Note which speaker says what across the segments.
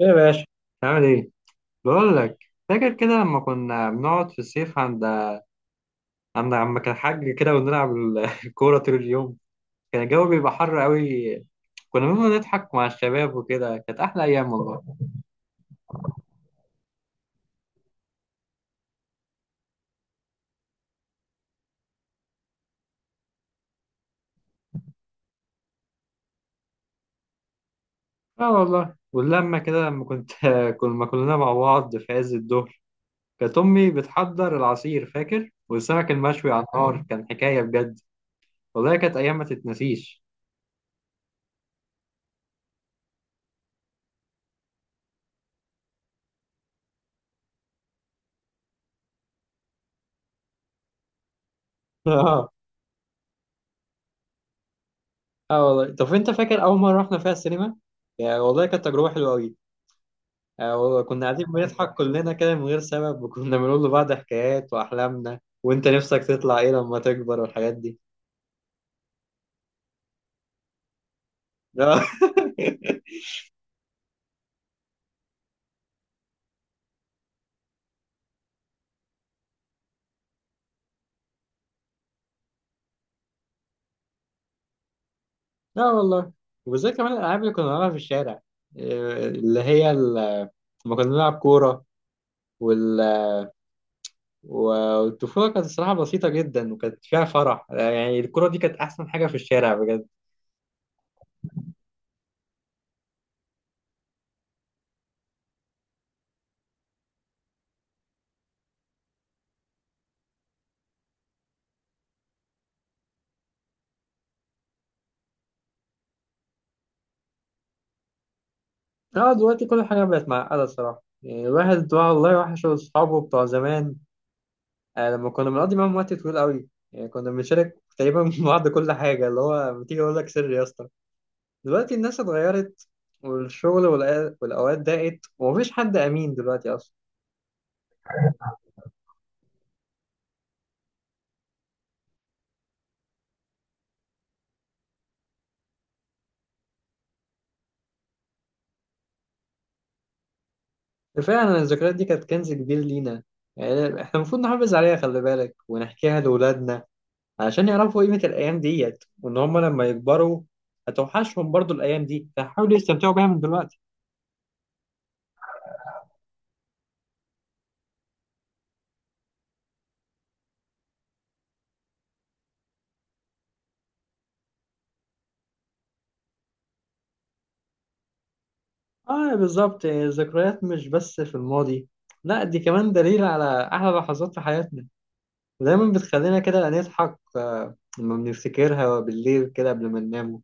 Speaker 1: ايه يا باشا؟ عامل ايه؟ بقول لك، فاكر كده لما كنا بنقعد في الصيف عند عم كان حاج كده ونلعب الكوره طول اليوم. كان الجو بيبقى حر قوي، كنا بنقعد نضحك مع الشباب وكده، كانت احلى ايام والله. اه والله، واللما كده لما كنا كلنا مع بعض في عز الظهر، كانت امي بتحضر العصير فاكر، والسمك المشوي على النار كان حكايه بجد. والله كانت ايام ما تتنسيش. اه. اه والله، طب انت فاكر اول مره رحنا فيها السينما؟ يعني والله كانت تجربه حلوه قوي، كنا قاعدين بنضحك كلنا كده من غير سبب، وكنا بنقول لبعض حكايات وأحلامنا، وأنت نفسك تطلع إيه لما تكبر والحاجات دي. لا. لا والله. وزي كمان الألعاب اللي كنا بنلعبها في الشارع، إيه، لما كنا بنلعب كورة وال... والطفولة كانت الصراحة بسيطة جدا، وكانت فيها فرح، آه، يعني الكورة دي كانت أحسن حاجة في الشارع بجد. اه دلوقتي كل حاجة بقت معقدة الصراحة، يعني الواحد والله وحش أصحابه بتوع زمان، آه، لما كنا بنقضي معاهم وقت طويل قوي، يعني كنا بنشارك تقريبا مع بعض كل حاجة، اللي هو بتيجي أقول لك سر يا اسطى. دلوقتي الناس اتغيرت، والشغل والأوقات ضاقت، ومفيش حد أمين دلوقتي أصلا. كفاية أن الذكريات دي كانت كنز كبير لينا، يعني إحنا المفروض نحافظ عليها خلي بالك، ونحكيها لأولادنا عشان يعرفوا قيمة الأيام ديت، وإن هما لما يكبروا هتوحشهم برضو الأيام دي، فحاولوا يستمتعوا بيها من دلوقتي. اه بالظبط، الذكريات مش بس في الماضي، لا دي كمان دليل على احلى لحظات في حياتنا، ودايما بتخلينا كده نضحك، آه، لما بنفتكرها بالليل كده قبل ما ننام.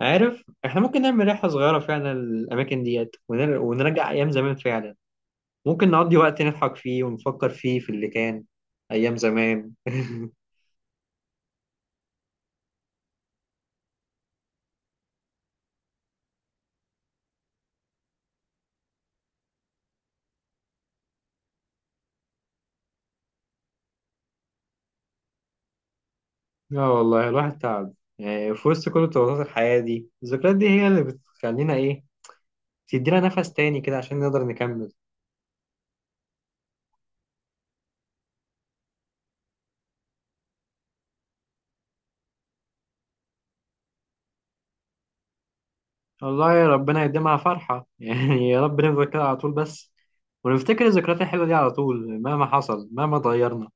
Speaker 1: عارف، احنا ممكن نعمل رحلة صغيرة فعلا للأماكن ديت، ونرجع أيام زمان فعلا، ممكن نقضي وقت نضحك فيه ونفكر فيه في اللي كان، أيام زمان. لا والله الواحد تعب، يعني في وسط كل الضغوطات الحياة دي الذكريات دي هي اللي بتخلينا إيه، تدينا نفس تاني كده عشان نقدر نكمل. والله يا ربنا يديمها فرحة، يعني يا رب نفضل كده على طول بس، ونفتكر الذكريات الحلوة دي على طول مهما حصل مهما اتغيرنا.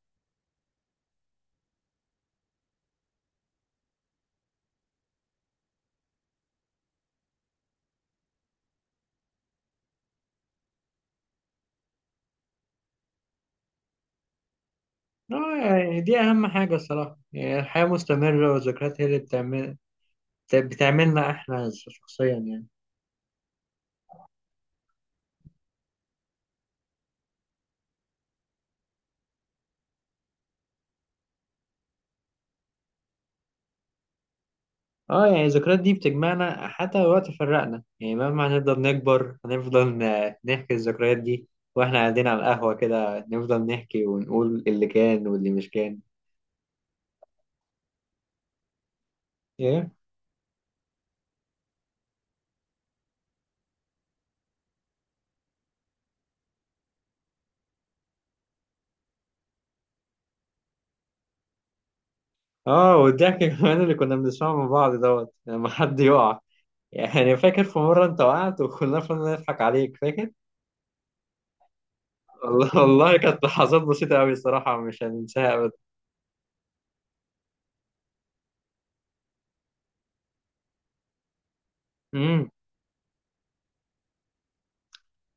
Speaker 1: آه، يعني دي أهم حاجة الصراحة، يعني الحياة مستمرة، والذكريات هي اللي بتعمل بتعملنا إحنا شخصيا يعني. اه يعني الذكريات دي بتجمعنا حتى لو وقت فرقنا، يعني مهما هنفضل نكبر هنفضل نحكي الذكريات دي، واحنا قاعدين على القهوة كده نفضل نحكي ونقول اللي كان واللي مش كان. إيه؟ اه، والضحك كمان اللي كنا بنسمعه من بعض دوت لما حد يقع، يعني فاكر في مرة انت وقعت وكلنا فضلنا نضحك عليك فاكر؟ والله والله كانت لحظات بسيطة أوي الصراحة، مش هننساها أبدا. امم،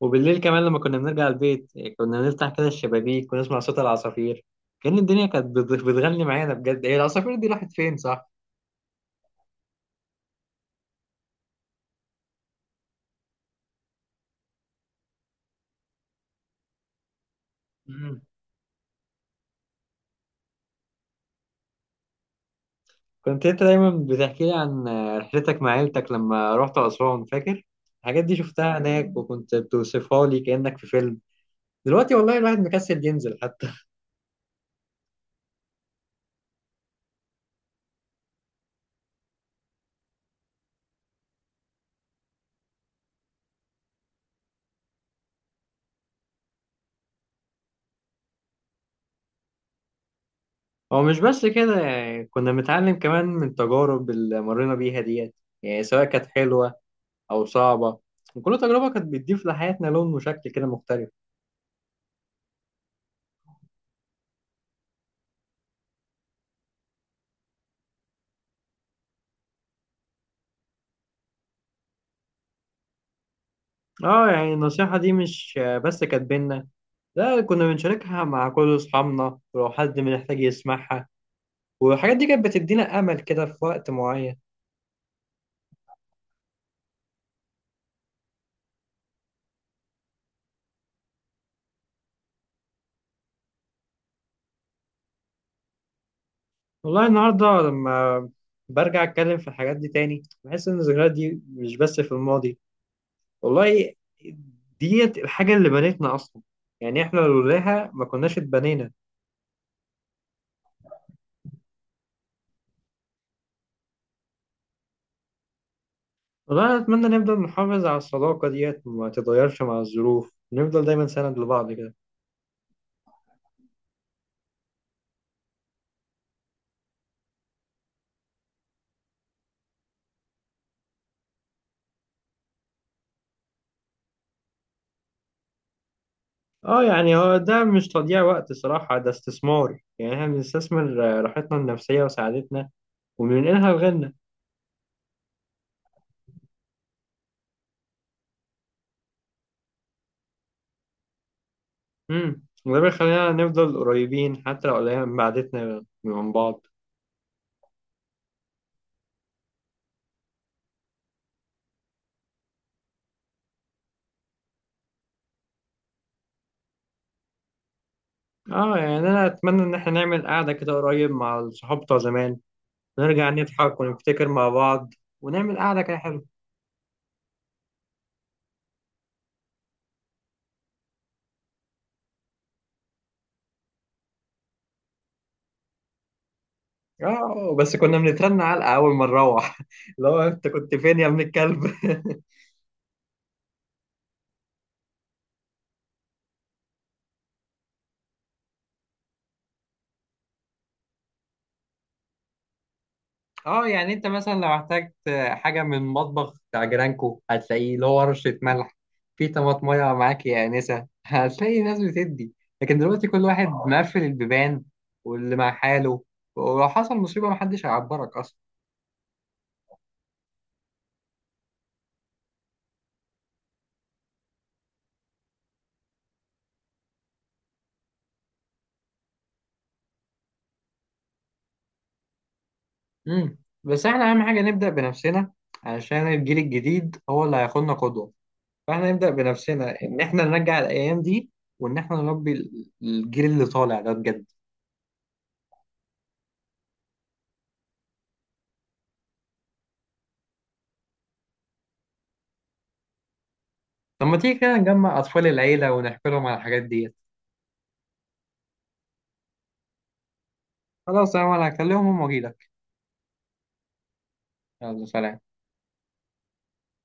Speaker 1: وبالليل كمان لما كنا بنرجع البيت، كنا بنفتح كده الشبابيك ونسمع صوت العصافير، كأن الدنيا كانت بتغني معانا بجد. هي العصافير دي راحت فين صح؟ امم، كنت انت دايما بتحكي لي عن رحلتك مع عيلتك لما رحت أسوان فاكر؟ الحاجات دي شفتها هناك وكنت بتوصفها لي كأنك في فيلم. دلوقتي والله الواحد مكسل ينزل حتى. هو مش بس كده، يعني كنا بنتعلم كمان من التجارب اللي مرينا بيها ديت، يعني سواء كانت حلوة أو صعبة، وكل تجربة كانت بتضيف لحياتنا لون وشكل كده مختلف. اه يعني النصيحة دي مش بس كانت بينا، لا كنا بنشاركها مع كل أصحابنا ولو حد محتاج يسمعها، والحاجات دي كانت بتدينا أمل كده في وقت معين. والله النهاردة لما برجع أتكلم في الحاجات دي تاني، بحس إن الذكريات دي مش بس في الماضي والله، ديت الحاجة اللي بنتنا أصلا، يعني إحنا لولاها ما كناش اتبنينا. والله أنا أتمنى نفضل نحافظ على الصداقة ديت، ما تتغيرش مع الظروف، نفضل دايما سند لبعض كده. اه يعني هو ده مش تضييع وقت صراحة، ده استثمار، يعني احنا بنستثمر، آه، راحتنا النفسية وسعادتنا، وبننقلها لغيرنا. امم، وده بيخلينا نفضل قريبين حتى لو قليل من بعدتنا من بعض. اه يعني انا اتمنى ان احنا نعمل قعدة كده قريب مع الصحاب بتوع زمان، نرجع نضحك ونفتكر مع بعض، ونعمل قعدة كده حلوة. اه، بس كنا بنترن علقة أول ما نروح. لو أنت كنت فين يا ابن الكلب؟ اه يعني أنت مثلا لو احتجت حاجة من مطبخ بتاع جيرانكو، هتلاقيه له ورشة ملح في طماطمية معاك يا آنسة، هتلاقي ناس بتدي. لكن دلوقتي كل واحد مقفل البيبان، واللي مع حاله، ولو حصل مصيبة محدش هيعبرك أصلا. مم. بس احنا أهم حاجة نبدأ بنفسنا، عشان الجيل الجديد هو اللي هياخدنا قدوة، فاحنا نبدأ بنفسنا ان احنا نرجع الايام دي، وان احنا نربي الجيل اللي طالع ده بجد. طب ما تيجي كده نجمع اطفال العيلة ونحكي لهم على الحاجات ديت. خلاص يا عمر، هكلمهم واجيلك. يلا سلام.